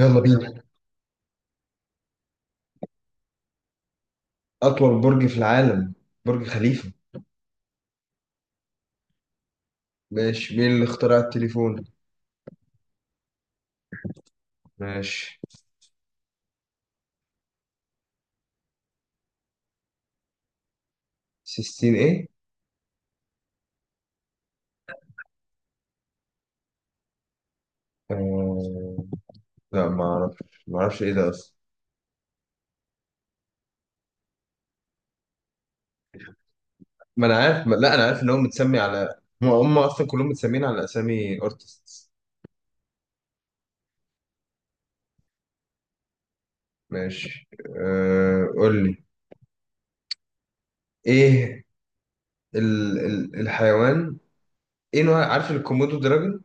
يلا بينا. أطول برج في العالم، برج خليفة. ماشي. مين اللي اخترع التليفون؟ ماشي. سيستين إيه؟ آه... لا، ما أعرفش إيه ده أصلا. ما أنا عارف ما... لا، أنا عارف إن هو متسمي على هم أصلا، كلهم متسمين على أسامي أرتستس. ماشي. قول لي إيه الحيوان. إيه نوع، عارف الكومودو دراجون؟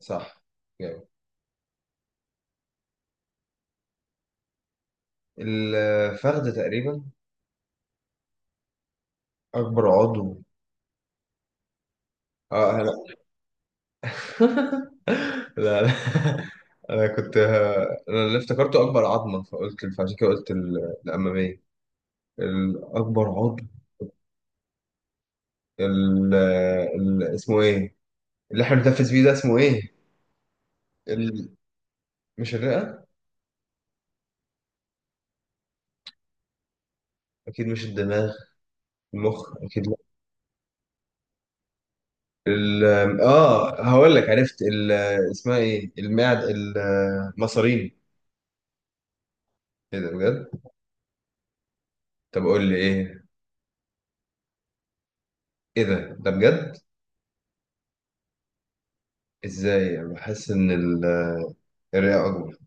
صح، جامد. الفخذ تقريبا. أكبر عضو. آه، لا. لا، لا. انا كنت انا اللي افتكرته اكبر عظمه، فقلت، فعشان كده قلت الاماميه، الاكبر عظم. ال... اسمه ايه اللي احنا بنتنفس بيه ده، اسمه ايه؟ ال... مش الرئه. اكيد مش الدماغ. المخ اكيد، لا. ال... اه، هقول لك، عرفت. اسمها ايه، المعد، المصارين؟ ايه ده بجد؟ طب قول لي ايه. ايه ده بجد؟ ازاي انا بحس ان الرئه اكبر؟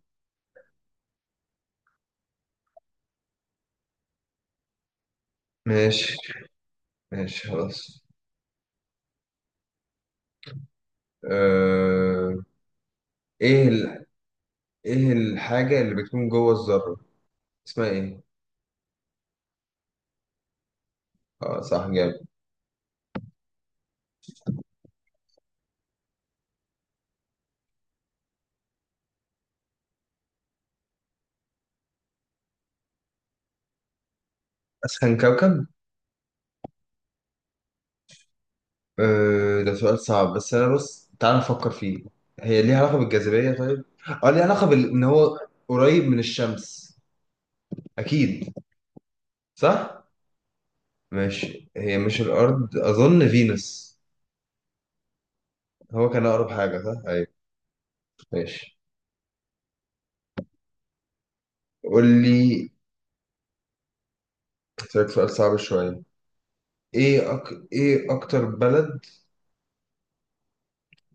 ماشي، ماشي، خلاص. آه، ايه ايه الحاجة اللي بتكون جوه الذرة، اسمها ايه؟ اه، صح، جامد. اسخن كوكب. ده سؤال صعب، بس انا بص، تعال نفكر فيه. هي ليها علاقة بالجاذبية، طيب. اه، ليها علاقة ان هو قريب من الشمس، اكيد. صح. ماشي، هي مش الارض، اظن فينوس. هو كان اقرب حاجة، صح، ايوه. ماشي. قول لي. هسألك سؤال صعب شوية. ايه ايه اكتر بلد،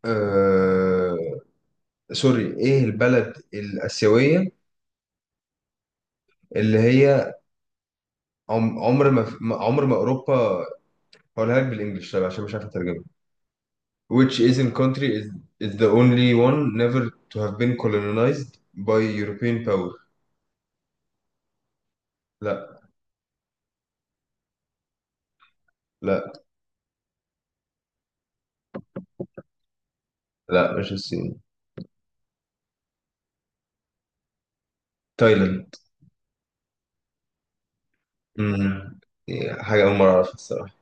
آه... سوري، ايه البلد الآسيوية اللي هي عمر ما أوروبا؟ هقولها لك بالإنجلش، طيب، عشان مش عارف أترجمها. Which Asian country is the only one never to have been colonized by European power? لا، لا، لا، مش الصين. تايلاند. امم. حاجة أول مرة أعرفها الصراحة.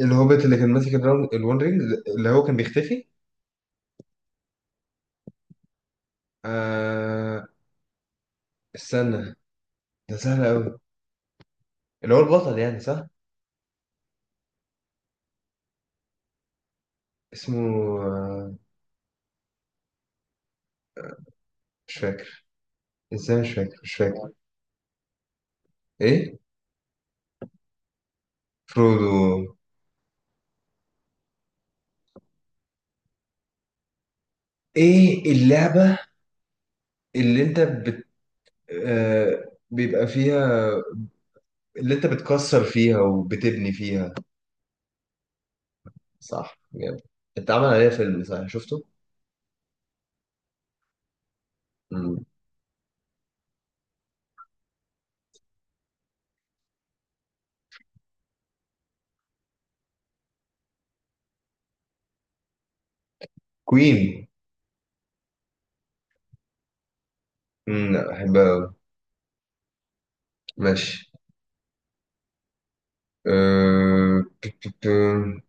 الهوبيت اللي كان ماسك الون رينج، اللي هو كان بيختفي. آه استنى، ده سهل أوي. اللي هو البطل يعني، صح. اسمه، آه، مش فاكر. ازاي مش فاكر؟ مش فاكر. ايه؟ فرودو. ايه اللعبة اللي انت بيبقى فيها، اللي انت بتكسر فيها وبتبني فيها؟ صح، جامد. اتعمل عليها فيلم، صح، شفته؟ مم. كوين. لا، بحبها أوي. ماشي. آه... بت- بت-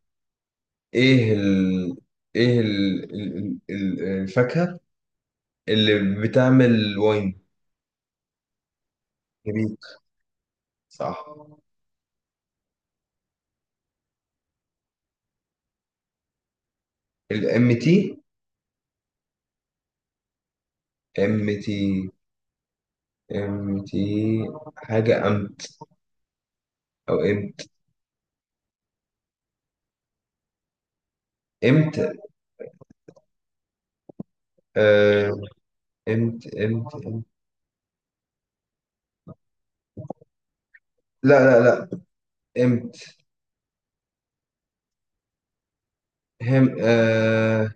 ايه ايه الفاكهة اللي بتعمل واين؟ نبيت، صح. الام تي. ام تي، ام تي. حاجة ام، او امت. امت، آه، امت. امت، امت. لا، لا، لا. امت. هم، آه.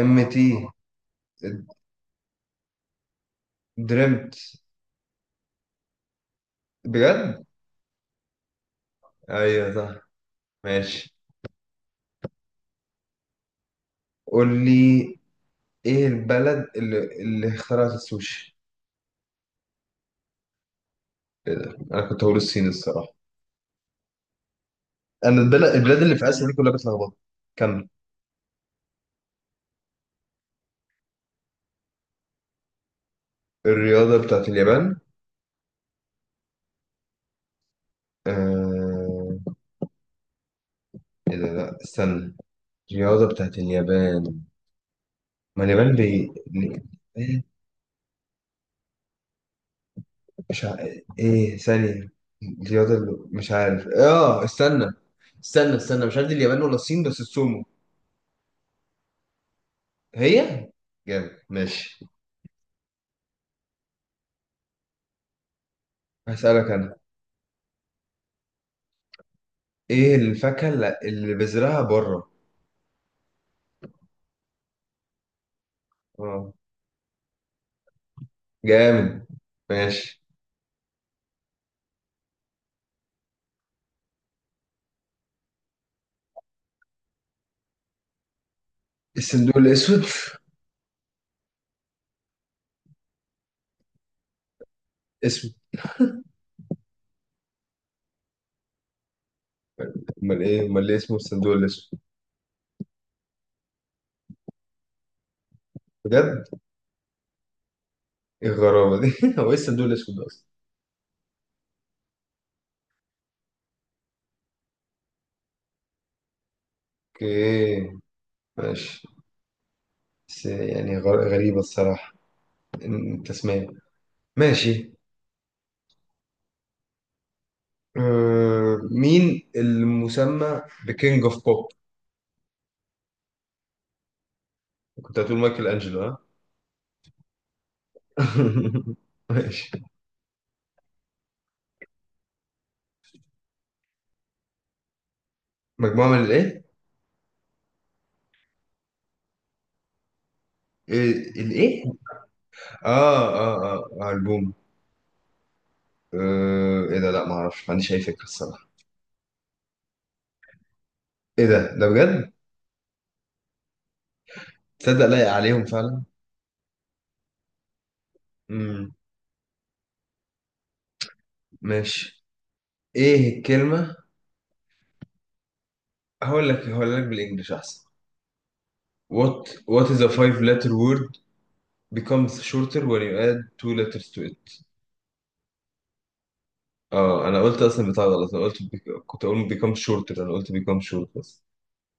امتي. درمت. بجد؟ ايوه، صح. ماشي. قول لي. ايه البلد اللي اخترعت السوشي؟ إيه ده؟ انا كنت هقول الصين الصراحه. انا البلاد اللي في اسيا دي كلها بتلخبط. كمل. الرياضه بتاعت اليابان. آه... ايه ده، لا استنى. الرياضه بتاعت اليابان. ما اليابان بي... مش ع... ايه ثانية، الرياضة اللي، مش عارف، استنى. استنى، استنى، مش عارف دي اليابان ولا الصين، بس السومو. هي. جامد، ماشي. هسألك انا. ايه الفاكهة اللي بذرها بره؟ اه، جامد. ماشي. الصندوق الاسود، اسمه؟ امال ايه؟ امال ليه اسمه الصندوق الاسود؟ بجد؟ ايه الغرابة دي؟ هو ايه الصندوق الاسود ده اصلا؟ اوكي، ماشي. بس يعني، غريبة الصراحة، إن- التسمية. ماشي. مين المسمى بكينج اوف بوب؟ كنت هتقول مايكل انجلو، ها؟ ماشي. مجموعة من الايه؟ إيه- الايه؟ اه، اه، اه، البوم. آه، ايه ده؟ لا، ما اعرفش، ما عنديش اي فكرة الصراحة. ايه ده بجد؟ تصدق لايق عليهم فعلا؟ امم. ماشي. ايه الكلمة؟ هقول لك بالانجلش احسن. What is a five letter word becomes shorter when you add two letters to it? اه، انا قلت اصلا بتاع غلط. انا قلت كنت اقول بيكام شورت. انا قلت بيكام شورت، بس.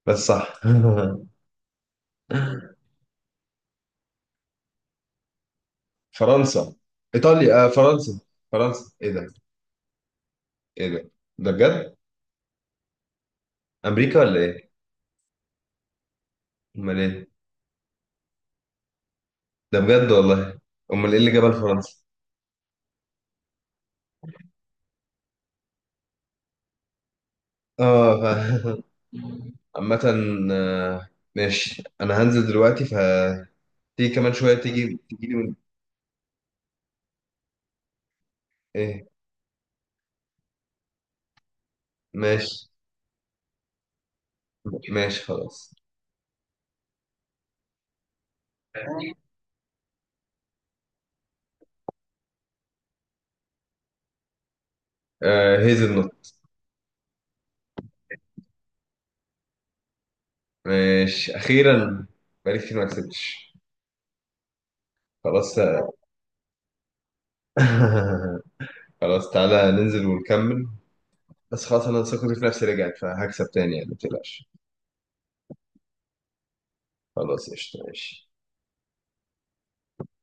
بس صح. فرنسا. ايطاليا، فرنسا. فرنسا، ايه ده؟ ايه ده بجد؟ امريكا ولا ايه؟ امال ايه؟ ده بجد والله؟ امال ايه اللي جابها لفرنسا؟ اه، عامة. آه، ماشي، انا هنزل دلوقتي فتيجي. كمان شوية، تيجي، تيجي لي ايه؟ ماشي، ماشي، خلاص. هيزل نوت. ماشي، اخيرا. بقالي كتير ما كسبتش. خلاص. خلاص، تعالى ننزل ونكمل. بس خلاص، انا ثقتي في نفسي رجعت فهكسب تاني يعني، ما تقلقش. خلاص، قشطة، ماشي.